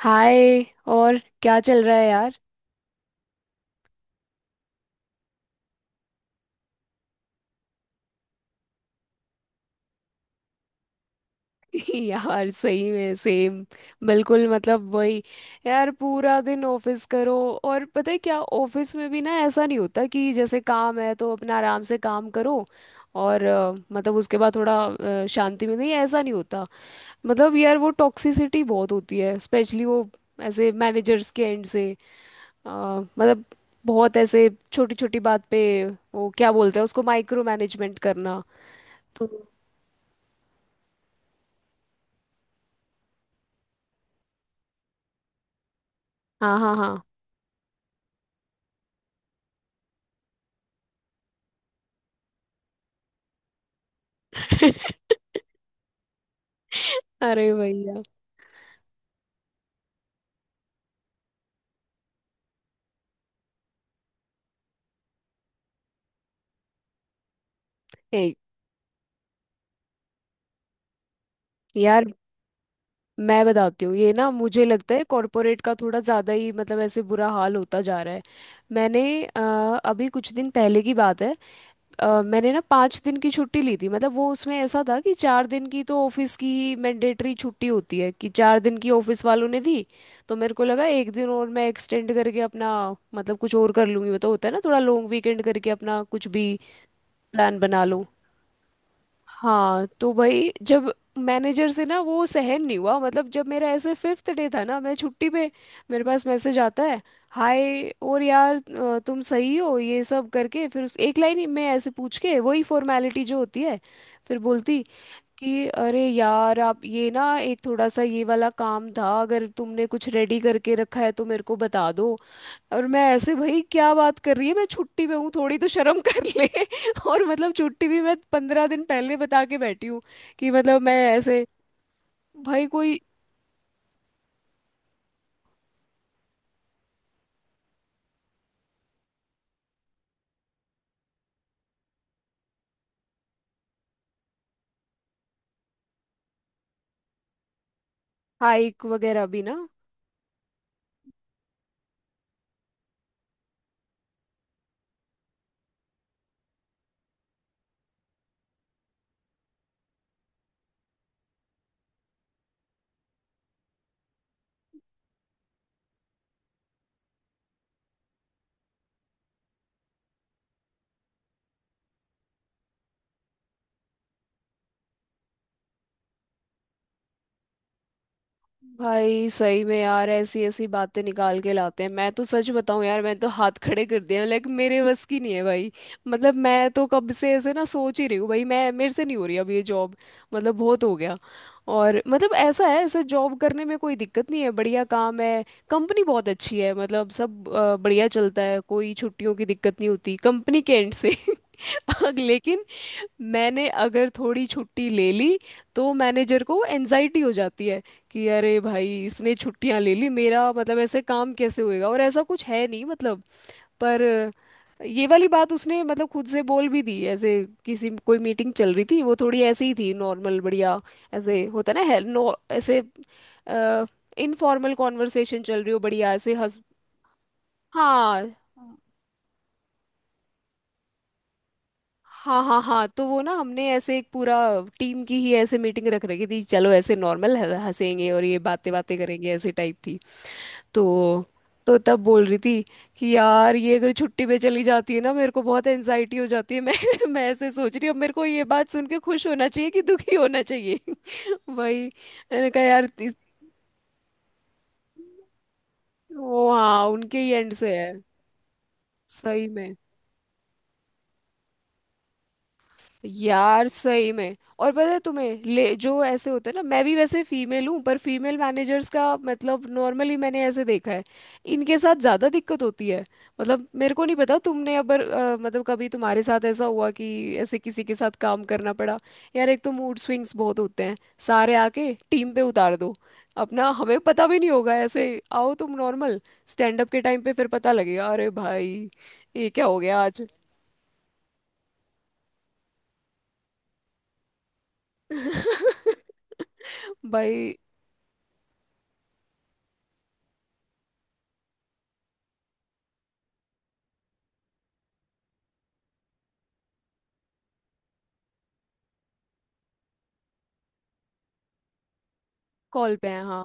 हाय। और क्या चल रहा है यार? यार, सही में सेम। बिल्कुल, मतलब वही। यार, पूरा दिन ऑफिस करो। और पता है क्या, ऑफिस में भी ना ऐसा नहीं होता कि जैसे काम है तो अपना आराम से काम करो। और मतलब उसके बाद थोड़ा शांति में नहीं, ऐसा नहीं होता। मतलब यार, वो टॉक्सिसिटी बहुत होती है, स्पेशली वो ऐसे मैनेजर्स के एंड से। अ, मतलब बहुत ऐसे छोटी छोटी बात पे, वो क्या बोलते हैं उसको, माइक्रो मैनेजमेंट करना। तो। हाँ हाँ हाँ। अरे भैया। ए, यार। मैं बताती हूँ, ये ना मुझे लगता है कॉरपोरेट का थोड़ा ज़्यादा ही, मतलब ऐसे बुरा हाल होता जा रहा है। मैंने अभी कुछ दिन पहले की बात है। मैंने ना 5 दिन की छुट्टी ली थी, मतलब वो उसमें ऐसा था कि 4 दिन की तो ऑफिस की मैंडेटरी छुट्टी होती है, कि 4 दिन की ऑफिस वालों ने दी। तो मेरे को लगा एक दिन और मैं एक्सटेंड करके अपना, मतलब कुछ और कर लूँगी, वो तो होता है ना थोड़ा लॉन्ग वीकेंड करके अपना कुछ भी प्लान बना लूँ। हाँ। तो भाई, जब मैनेजर से ना वो सहन नहीं हुआ, मतलब जब मेरा ऐसे फिफ्थ डे था ना मैं छुट्टी पे, मेरे पास मैसेज आता है। हाय, और यार तुम सही हो ये सब करके, फिर उस एक लाइन में ऐसे पूछ के वही फॉर्मेलिटी जो होती है। फिर बोलती कि अरे यार, आप ये ना एक थोड़ा सा ये वाला काम था, अगर तुमने कुछ रेडी करके रखा है तो मेरे को बता दो। और मैं ऐसे, भाई क्या बात कर रही है, मैं छुट्टी पे हूँ, थोड़ी तो शर्म कर ले। और मतलब छुट्टी भी मैं 15 दिन पहले बता के बैठी हूँ, कि मतलब मैं ऐसे, भाई कोई हाइक वगैरह भी ना। भाई सही में यार, ऐसी ऐसी बातें निकाल के लाते हैं। मैं तो सच बताऊं यार, मैं तो हाथ खड़े कर दिए हैं, लेकिन मेरे बस की नहीं है भाई। मतलब मैं तो कब से ऐसे ना सोच ही रही हूँ भाई, मैं मेरे से नहीं हो रही अब ये जॉब, मतलब बहुत हो गया। और मतलब ऐसा है, ऐसा जॉब करने में कोई दिक्कत नहीं है, बढ़िया काम है। कंपनी बहुत अच्छी है, मतलब सब बढ़िया चलता है, कोई छुट्टियों की दिक्कत नहीं होती कंपनी के एंड से, लेकिन मैंने अगर थोड़ी छुट्टी ले ली तो मैनेजर को एनजाइटी हो जाती है कि अरे भाई इसने छुट्टियां ले ली, मेरा मतलब ऐसे काम कैसे होएगा, और ऐसा कुछ है नहीं, मतलब। पर ये वाली बात उसने मतलब खुद से बोल भी दी ऐसे, किसी कोई मीटिंग चल रही थी, वो थोड़ी ऐसे ही थी नॉर्मल बढ़िया। ऐसे होता ना है, नो ऐसे इनफॉर्मल कॉन्वर्सेशन चल रही हो बढ़िया, ऐसे हंस। हाँ हाँ हाँ। हाँ, तो वो ना हमने ऐसे एक पूरा टीम की ही ऐसे मीटिंग रख रखी थी, चलो ऐसे नॉर्मल हंसेंगे और ये बातें बातें करेंगे, ऐसे टाइप थी। तो तो तब बोल रही थी कि यार ये अगर छुट्टी पे चली जाती है ना, मेरे को बहुत एनजाइटी हो जाती है। मैं मैं ऐसे सोच रही हूँ, अब मेरे को ये बात सुन के खुश होना चाहिए कि दुखी होना चाहिए। वही मैंने कहा यार, वो हाँ उनके ही एंड से है। सही में। यार सही में, और पता है तुम्हें, ले जो ऐसे होते हैं ना, मैं भी वैसे फीमेल हूँ, पर फीमेल मैनेजर्स का मतलब नॉर्मली मैंने ऐसे देखा है, इनके साथ ज़्यादा दिक्कत होती है। मतलब मेरे को नहीं पता तुमने अगर मतलब कभी तुम्हारे साथ ऐसा हुआ कि ऐसे किसी के साथ काम करना पड़ा। यार एक तो मूड स्विंग्स बहुत होते हैं, सारे आके टीम पे उतार दो अपना, हमें पता भी नहीं होगा। ऐसे आओ तुम नॉर्मल, स्टैंड अप के टाइम पे फिर पता लगेगा, अरे भाई ये क्या हो गया आज। भाई कॉल पे है, हाँ।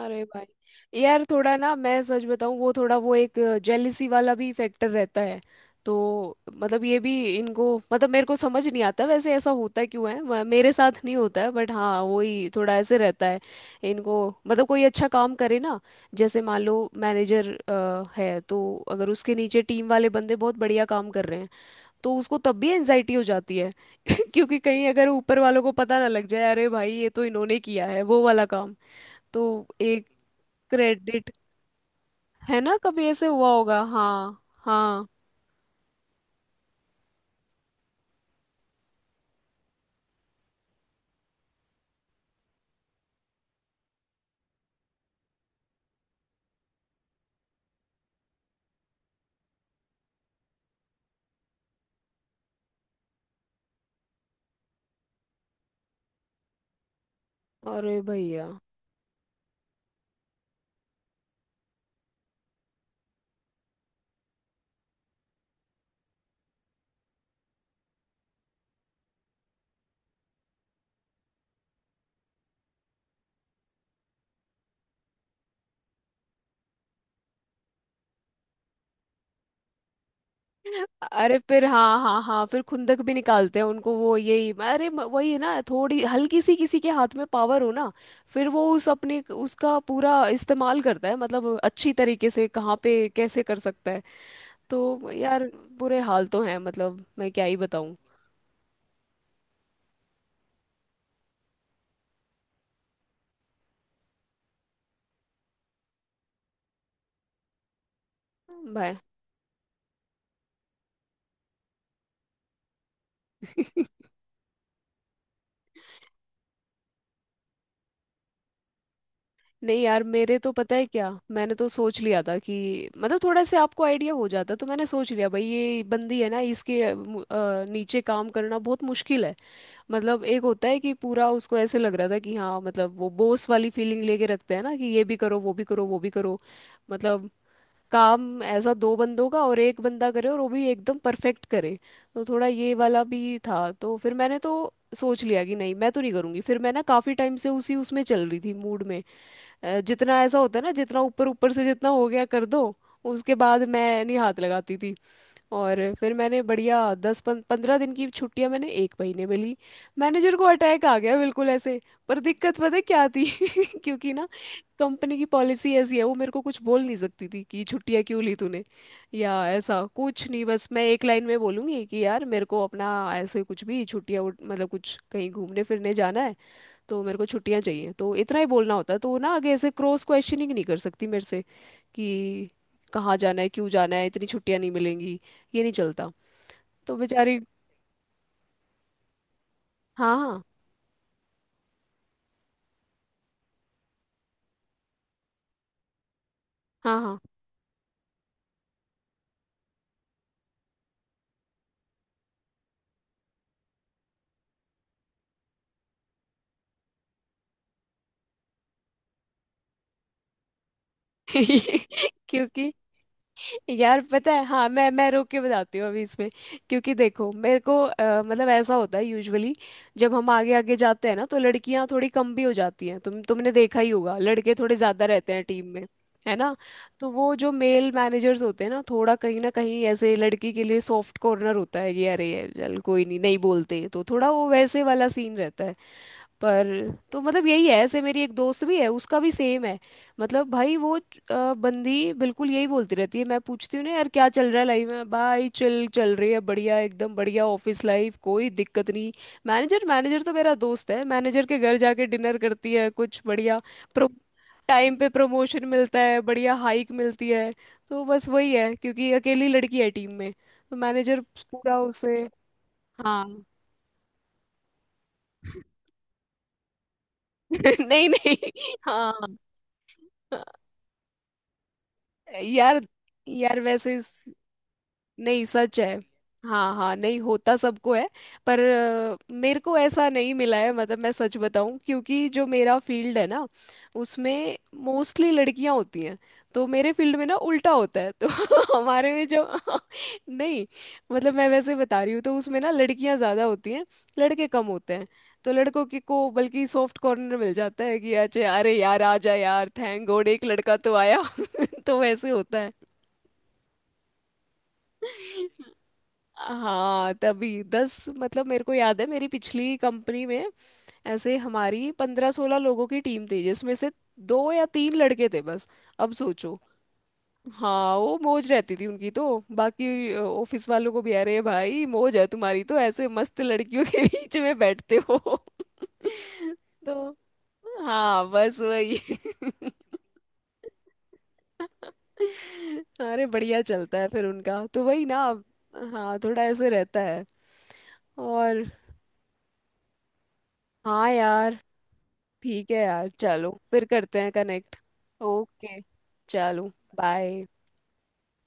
अरे भाई यार, थोड़ा ना मैं सच बताऊं, वो थोड़ा वो एक जेलिसी वाला भी फैक्टर रहता है। तो मतलब ये भी इनको, मतलब मेरे को समझ नहीं आता वैसे ऐसा होता क्यों है, मेरे साथ नहीं होता है, बट हाँ वही थोड़ा ऐसे रहता है इनको। मतलब कोई अच्छा काम करे ना, जैसे मान लो मैनेजर है तो, अगर उसके नीचे टीम वाले बंदे बहुत बढ़िया काम कर रहे हैं, तो उसको तब भी एनजाइटी हो जाती है। क्योंकि कहीं अगर ऊपर वालों को पता ना लग जाए, अरे भाई ये तो इन्होंने किया है वो वाला काम, तो एक क्रेडिट है ना, कभी ऐसे हुआ होगा। हाँ हाँ। अरे भैया। अरे फिर हाँ हाँ हाँ, फिर खुंदक भी निकालते हैं उनको वो, यही अरे वही है ना, थोड़ी हल्की सी किसी के हाथ में पावर हो ना, फिर वो उस अपने उसका पूरा इस्तेमाल करता है, मतलब अच्छी तरीके से कहाँ पे कैसे कर सकता है। तो यार, बुरे हाल तो हैं, मतलब मैं क्या ही बताऊं भाई। नहीं यार मेरे तो, पता है क्या, मैंने तो सोच लिया था कि मतलब थोड़ा से आपको आइडिया हो जाता, तो मैंने सोच लिया भाई ये बंदी है ना इसके नीचे काम करना बहुत मुश्किल है। मतलब एक होता है कि पूरा उसको ऐसे लग रहा था कि हाँ मतलब वो बॉस वाली फीलिंग लेके रखते हैं ना कि ये भी करो वो भी करो वो भी करो। मतलब काम ऐसा दो बंदों का, और एक बंदा करे, और वो भी एकदम परफेक्ट करे। तो थोड़ा ये वाला भी था, तो फिर मैंने तो सोच लिया कि नहीं, मैं तो नहीं करूँगी। फिर मैं ना काफ़ी टाइम से उसी उसमें चल रही थी मूड में। जितना ऐसा होता है ना, जितना ऊपर ऊपर से जितना हो गया कर दो, उसके बाद मैं नहीं हाथ लगाती थी। और फिर मैंने बढ़िया 15 दिन की छुट्टियां मैंने एक महीने में ली, मैनेजर को अटैक आ गया, बिल्कुल ऐसे। पर दिक्कत पता है क्या थी? क्योंकि ना कंपनी की पॉलिसी ऐसी है, वो मेरे को कुछ बोल नहीं सकती थी कि छुट्टियां क्यों ली तूने, या ऐसा कुछ नहीं, बस मैं एक लाइन में बोलूंगी कि यार मेरे को अपना, ऐसे कुछ भी छुट्टियां मतलब कुछ कहीं घूमने फिरने जाना है, तो मेरे को छुट्टियां चाहिए, तो इतना ही बोलना होता है, तो वो ना आगे ऐसे क्रॉस क्वेश्चनिंग नहीं कर सकती मेरे से कि कहाँ जाना है क्यों जाना है, इतनी छुट्टियां नहीं मिलेंगी, ये नहीं चलता, तो बेचारी। हाँ हाँ। हाँ हाँ। क्योंकि यार पता है, हाँ मैं रोक के बताती हूँ अभी इसमें। क्योंकि देखो मेरे को मतलब ऐसा होता है यूजुअली, जब हम आगे आगे जाते हैं ना तो लड़कियां थोड़ी कम भी हो जाती हैं, तुमने देखा ही होगा, लड़के थोड़े ज्यादा रहते हैं टीम में, है ना। तो वो जो मेल मैनेजर्स होते हैं ना, थोड़ा कहीं ना कहीं ऐसे लड़की के लिए सॉफ्ट कॉर्नर होता है, कि अरे ये चल, कोई नहीं, नहीं बोलते, तो थोड़ा वो वैसे वाला सीन रहता है। पर तो मतलब यही है, ऐसे मेरी एक दोस्त भी है, उसका भी सेम है। मतलब भाई वो बंदी बिल्कुल यही बोलती रहती है, मैं पूछती हूँ ना यार क्या चल रहा है लाइफ में, भाई चल चल रही है बढ़िया एकदम बढ़िया, ऑफिस लाइफ कोई दिक्कत नहीं, मैनेजर मैनेजर तो मेरा दोस्त है, मैनेजर के घर जाके डिनर करती है, कुछ बढ़िया प्रो टाइम पे प्रमोशन मिलता है, बढ़िया हाइक मिलती है। तो बस वही है, क्योंकि अकेली लड़की है टीम में तो मैनेजर पूरा उसे। हाँ। नहीं नहीं। हाँ। यार यार वैसे नहीं, सच है। हाँ हाँ, नहीं, होता सबको है। पर मेरे को ऐसा नहीं मिला है, मतलब मैं सच बताऊं, क्योंकि जो मेरा फील्ड है ना, उसमें मोस्टली लड़कियां होती हैं। तो मेरे फील्ड में ना उल्टा होता है तो, हमारे में जो, नहीं मतलब मैं वैसे बता रही हूँ, तो उसमें ना लड़कियां ज़्यादा होती हैं, लड़के कम होते हैं। तो लड़कों की को बल्कि सॉफ्ट कॉर्नर मिल जाता है कि अच्छा अरे यार आ जा यार, थैंक गॉड एक लड़का तो आया। तो वैसे होता है। हाँ, तभी दस मतलब मेरे को याद है मेरी पिछली कंपनी में, ऐसे हमारी 15-16 लोगों की टीम थी, जिसमें से दो या तीन लड़के थे बस। अब सोचो। हाँ वो मौज रहती थी उनकी तो, बाकी ऑफिस वालों को भी, अरे भाई मौज है तुम्हारी तो, ऐसे मस्त लड़कियों के बीच में बैठते हो। तो हाँ बस वही। अरे बढ़िया चलता है फिर उनका तो, वही ना। हाँ थोड़ा ऐसे रहता है। और हाँ यार, ठीक है यार, चलो फिर करते हैं कनेक्ट। ओके। चलो। बाय।